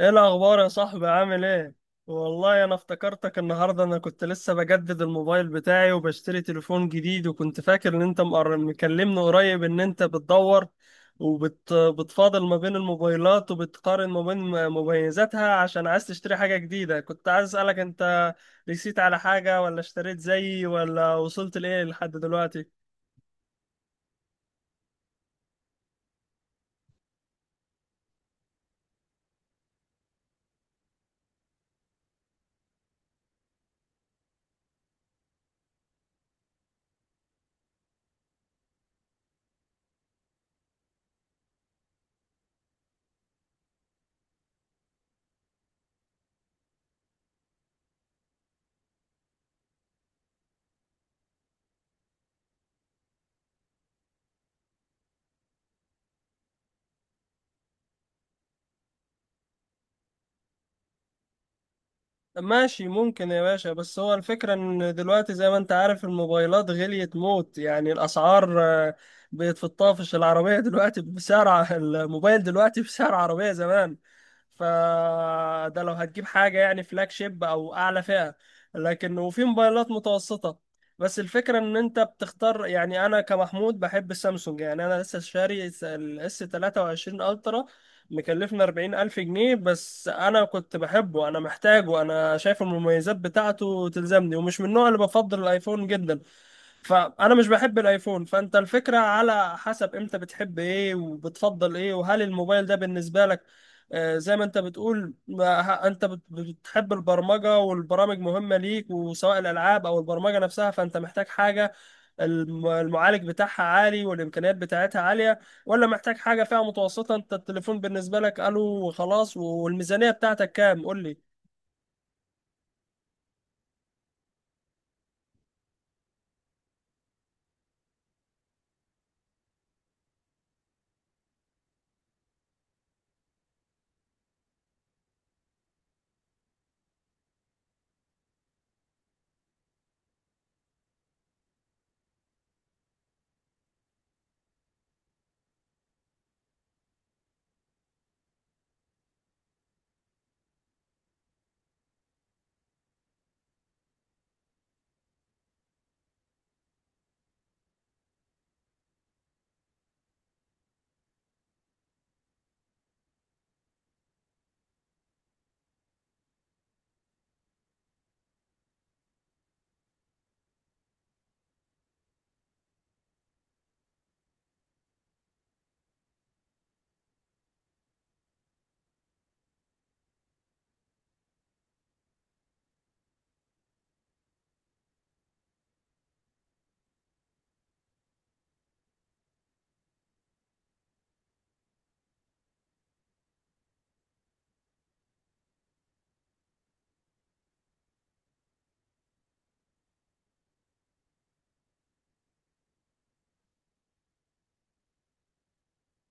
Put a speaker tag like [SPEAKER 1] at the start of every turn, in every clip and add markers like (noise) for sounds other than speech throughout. [SPEAKER 1] ايه الاخبار يا صاحبي؟ عامل ايه؟ والله انا افتكرتك النهارده. انا كنت لسه بجدد الموبايل بتاعي وبشتري تليفون جديد، وكنت فاكر ان انت مكلمني قريب ان انت بتدور وبتفاضل ما بين الموبايلات وبتقارن ما بين مميزاتها عشان عايز تشتري حاجة جديدة. كنت عايز اسألك، انت رسيت على حاجة ولا اشتريت زيي، ولا وصلت لايه لحد دلوقتي؟ ماشي ممكن يا باشا، بس هو الفكرة ان دلوقتي زي ما انت عارف الموبايلات غليت موت، يعني الاسعار بقت في الطافش. العربية دلوقتي الموبايل دلوقتي (laughs) بسعر عربية زمان. فده لو هتجيب حاجة يعني فلاج شيب أو أعلى فئة. لكن وفي موبايلات متوسطة، بس الفكرة إن أنت بتختار. يعني أنا كمحمود بحب السامسونج، يعني أنا لسه شاري الاس 23 ألترا، مكلفنا 40,000 جنيه، بس أنا كنت بحبه، أنا محتاجه، أنا شايف المميزات بتاعته تلزمني ومش من النوع اللي بفضل الأيفون جدا. فانا مش بحب الايفون. فانت الفكره على حسب امتى بتحب ايه وبتفضل ايه، وهل الموبايل ده بالنسبه لك زي ما انت بتقول، ما ه- انت بت- بتحب البرمجه والبرامج مهمه ليك، وسواء الالعاب او البرمجه نفسها، فانت محتاج حاجه المعالج بتاعها عالي والامكانيات بتاعتها عاليه، ولا محتاج حاجه فيها متوسطه؟ انت التليفون بالنسبه لك الو وخلاص؟ والميزانيه بتاعتك كام؟ قول لي.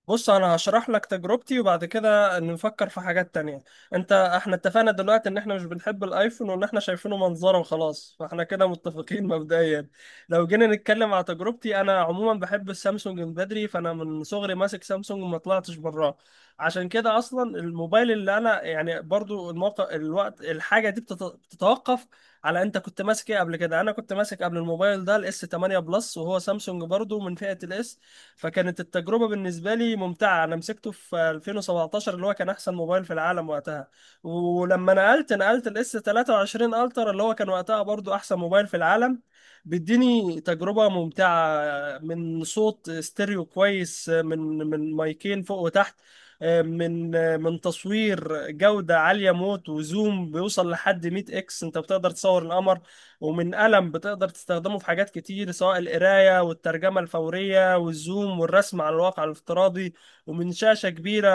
[SPEAKER 1] بص انا هشرح لك تجربتي وبعد كده نفكر في حاجات تانية. انت احنا اتفقنا دلوقتي ان احنا مش بنحب الايفون وان احنا شايفينه منظره وخلاص، فاحنا كده متفقين مبدئيا. لو جينا نتكلم على تجربتي، انا عموما بحب السامسونج من بدري، فانا من صغري ماسك سامسونج وما طلعتش براه. عشان كده اصلا الموبايل اللي انا، يعني برضو الموقع الوقت، الحاجة دي بتتوقف على انت كنت ماسك ايه قبل كده. انا كنت ماسك قبل الموبايل ده الاس 8 بلس، وهو سامسونج برضو من فئة الاس، فكانت التجربة بالنسبة لي ممتعة. أنا مسكته في 2017، اللي هو كان أحسن موبايل في العالم وقتها. ولما نقلت الاس 23 الترا، اللي هو كان وقتها برضو أحسن موبايل في العالم، بيديني تجربة ممتعة، من صوت ستيريو كويس، من مايكين فوق وتحت، من من تصوير جودة عالية موت وزوم بيوصل لحد 100 اكس، انت بتقدر تصور القمر، ومن قلم بتقدر تستخدمه في حاجات كتير سواء القراية والترجمة الفورية والزوم والرسم على الواقع الافتراضي، ومن شاشة كبيرة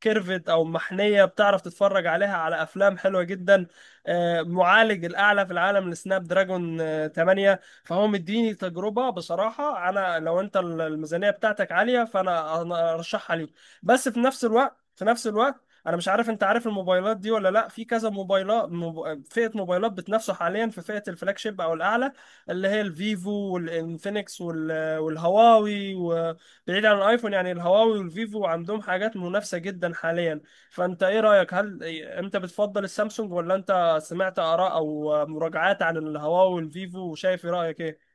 [SPEAKER 1] كيرفت أو محنية بتعرف تتفرج عليها على أفلام حلوة جدا. معالج الأعلى في العالم لسناب دراجون 8، فهو مديني تجربة بصراحة. أنا لو أنت الميزانية بتاعتك عالية فأنا أنا أرشحها ليك. بس في نفس الوقت، انا مش عارف انت عارف الموبايلات دي ولا لا. في كذا موبايلات، فئه موبايلات بتنافسوا حاليا في فئه الفلاج شيب او الاعلى، اللي هي الفيفو والانفينكس والهواوي. وبعيد عن الايفون، يعني الهواوي والفيفو عندهم حاجات منافسه جدا حاليا. فانت ايه رايك؟ هل انت بتفضل السامسونج، ولا انت سمعت اراء او مراجعات عن الهواوي والفيفو وشايف، ايه رايك ايه؟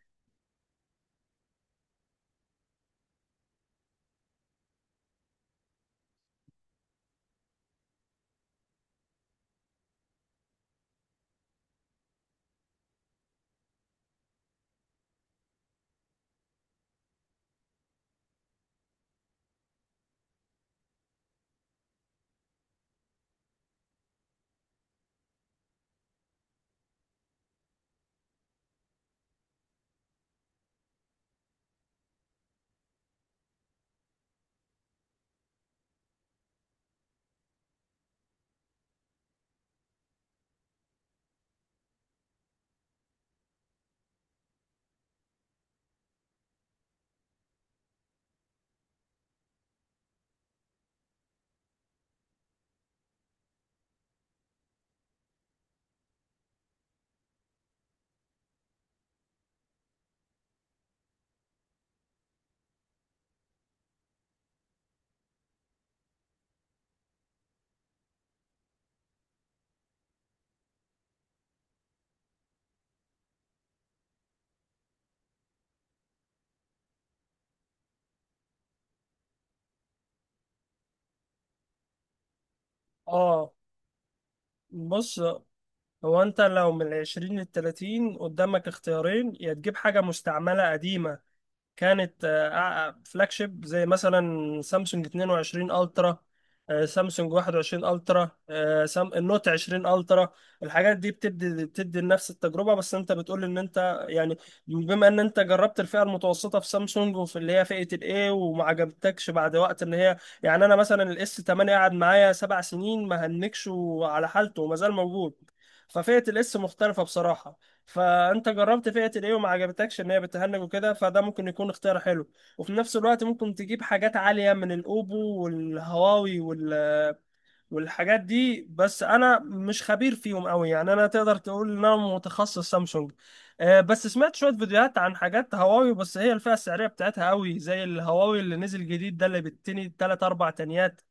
[SPEAKER 1] اه، بص. هو انت لو من العشرين للتلاتين، قدامك اختيارين. يا تجيب حاجة مستعملة قديمة كانت فلاج شيب، زي مثلا سامسونج 22 الترا، سامسونج 21 الترا، النوت 20 الترا. الحاجات دي بتدي نفس التجربه. بس انت بتقول ان انت، يعني بما ان انت جربت الفئه المتوسطه في سامسونج، وفي اللي هي فئه الاي وما عجبتكش بعد وقت ان هي، يعني انا مثلا الاس 8 قعد معايا 7 سنين ما هنكش وعلى حالته وما زال موجود، ففئه الاس مختلفه بصراحه. فانت جربت فئه الايه وما عجبتكش ان هي بتهنج وكده، فده ممكن يكون اختيار حلو. وفي نفس الوقت ممكن تجيب حاجات عاليه من الاوبو والهواوي والحاجات دي، بس انا مش خبير فيهم قوي يعني. انا تقدر تقول ان انا متخصص سامسونج. بس سمعت شويه فيديوهات عن حاجات هواوي. بس هي الفئه السعريه بتاعتها قوي، زي الهواوي اللي نزل جديد ده اللي بتني 3 4 تنيات،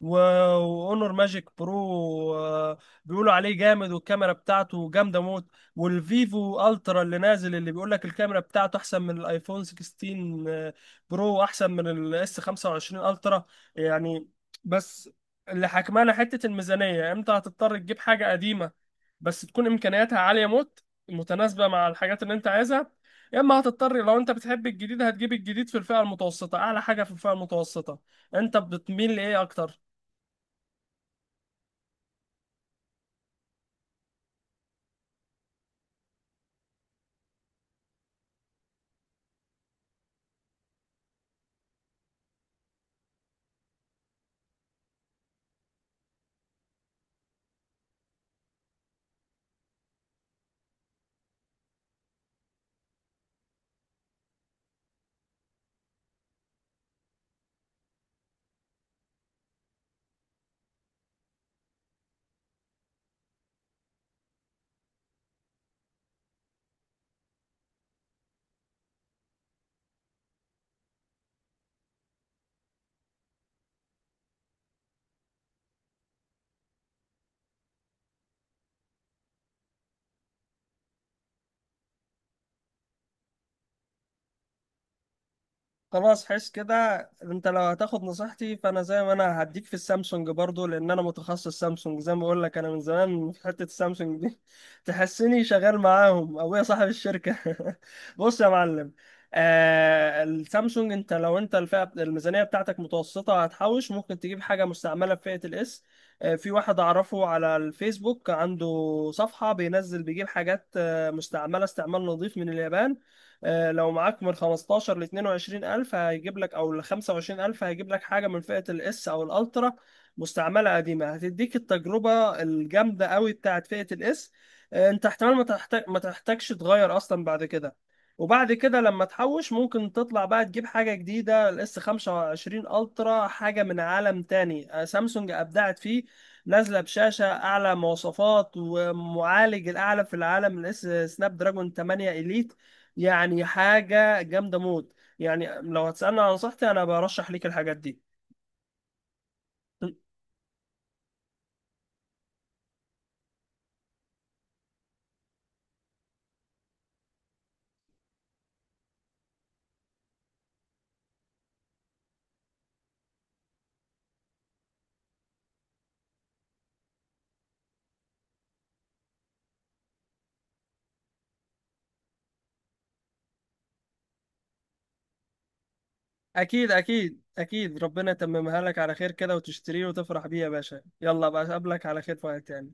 [SPEAKER 1] واونر ماجيك برو، بيقولوا عليه جامد والكاميرا بتاعته جامده موت. والفيفو الترا اللي نازل، اللي بيقول لك الكاميرا بتاعته احسن من الايفون 16 برو، احسن من الاس 25 الترا، يعني. بس اللي حكمانا حته الميزانيه. امتى هتضطر تجيب حاجه قديمه بس تكون امكانياتها عاليه موت متناسبه مع الحاجات اللي انت عايزها؟ يا اما هتضطر، لو انت بتحب الجديد، هتجيب الجديد في الفئه المتوسطه، اعلى حاجه في الفئه المتوسطه. انت بتميل لايه اكتر؟ خلاص، حس كده. انت لو هتاخد نصيحتي، فانا زي ما انا هديك في السامسونج برضو، لان انا متخصص سامسونج زي ما بقول لك، انا من زمان في حتة السامسونج دي (laughs) تحسني شغال معاهم ابويا صاحب الشركة (laughs) بص يا معلم، آه السامسونج. انت لو انت الفئة الميزانية بتاعتك متوسطة، هتحوش، ممكن تجيب حاجة مستعملة في فئة الاس. آه في واحد اعرفه على الفيسبوك عنده صفحة بينزل، بيجيب حاجات مستعملة استعمال نظيف من اليابان. لو معاك من 15 ل 22 ألف هيجيب لك، أو ل 25 ألف هيجيب لك حاجة من فئة الإس أو الألترا مستعملة قديمة، هتديك التجربة الجامدة قوي بتاعت فئة الإس. أنت احتمال ما تحتاجش تغير أصلا بعد كده. وبعد كده لما تحوش، ممكن تطلع بقى تجيب حاجة جديدة، الاس 25 الترا، حاجة من عالم تاني. سامسونج أبدعت فيه، نازلة بشاشة أعلى مواصفات ومعالج الأعلى في العالم، الاس سناب دراجون 8 إليت، يعني حاجة جامدة موت. يعني لو هتسألني عن نصيحتي، أنا برشح ليك الحاجات دي. أكيد أكيد أكيد، ربنا يتممها لك على خير كده وتشتريه وتفرح بيه يا باشا. يلا بقى أقابلك على خير في وقت تاني.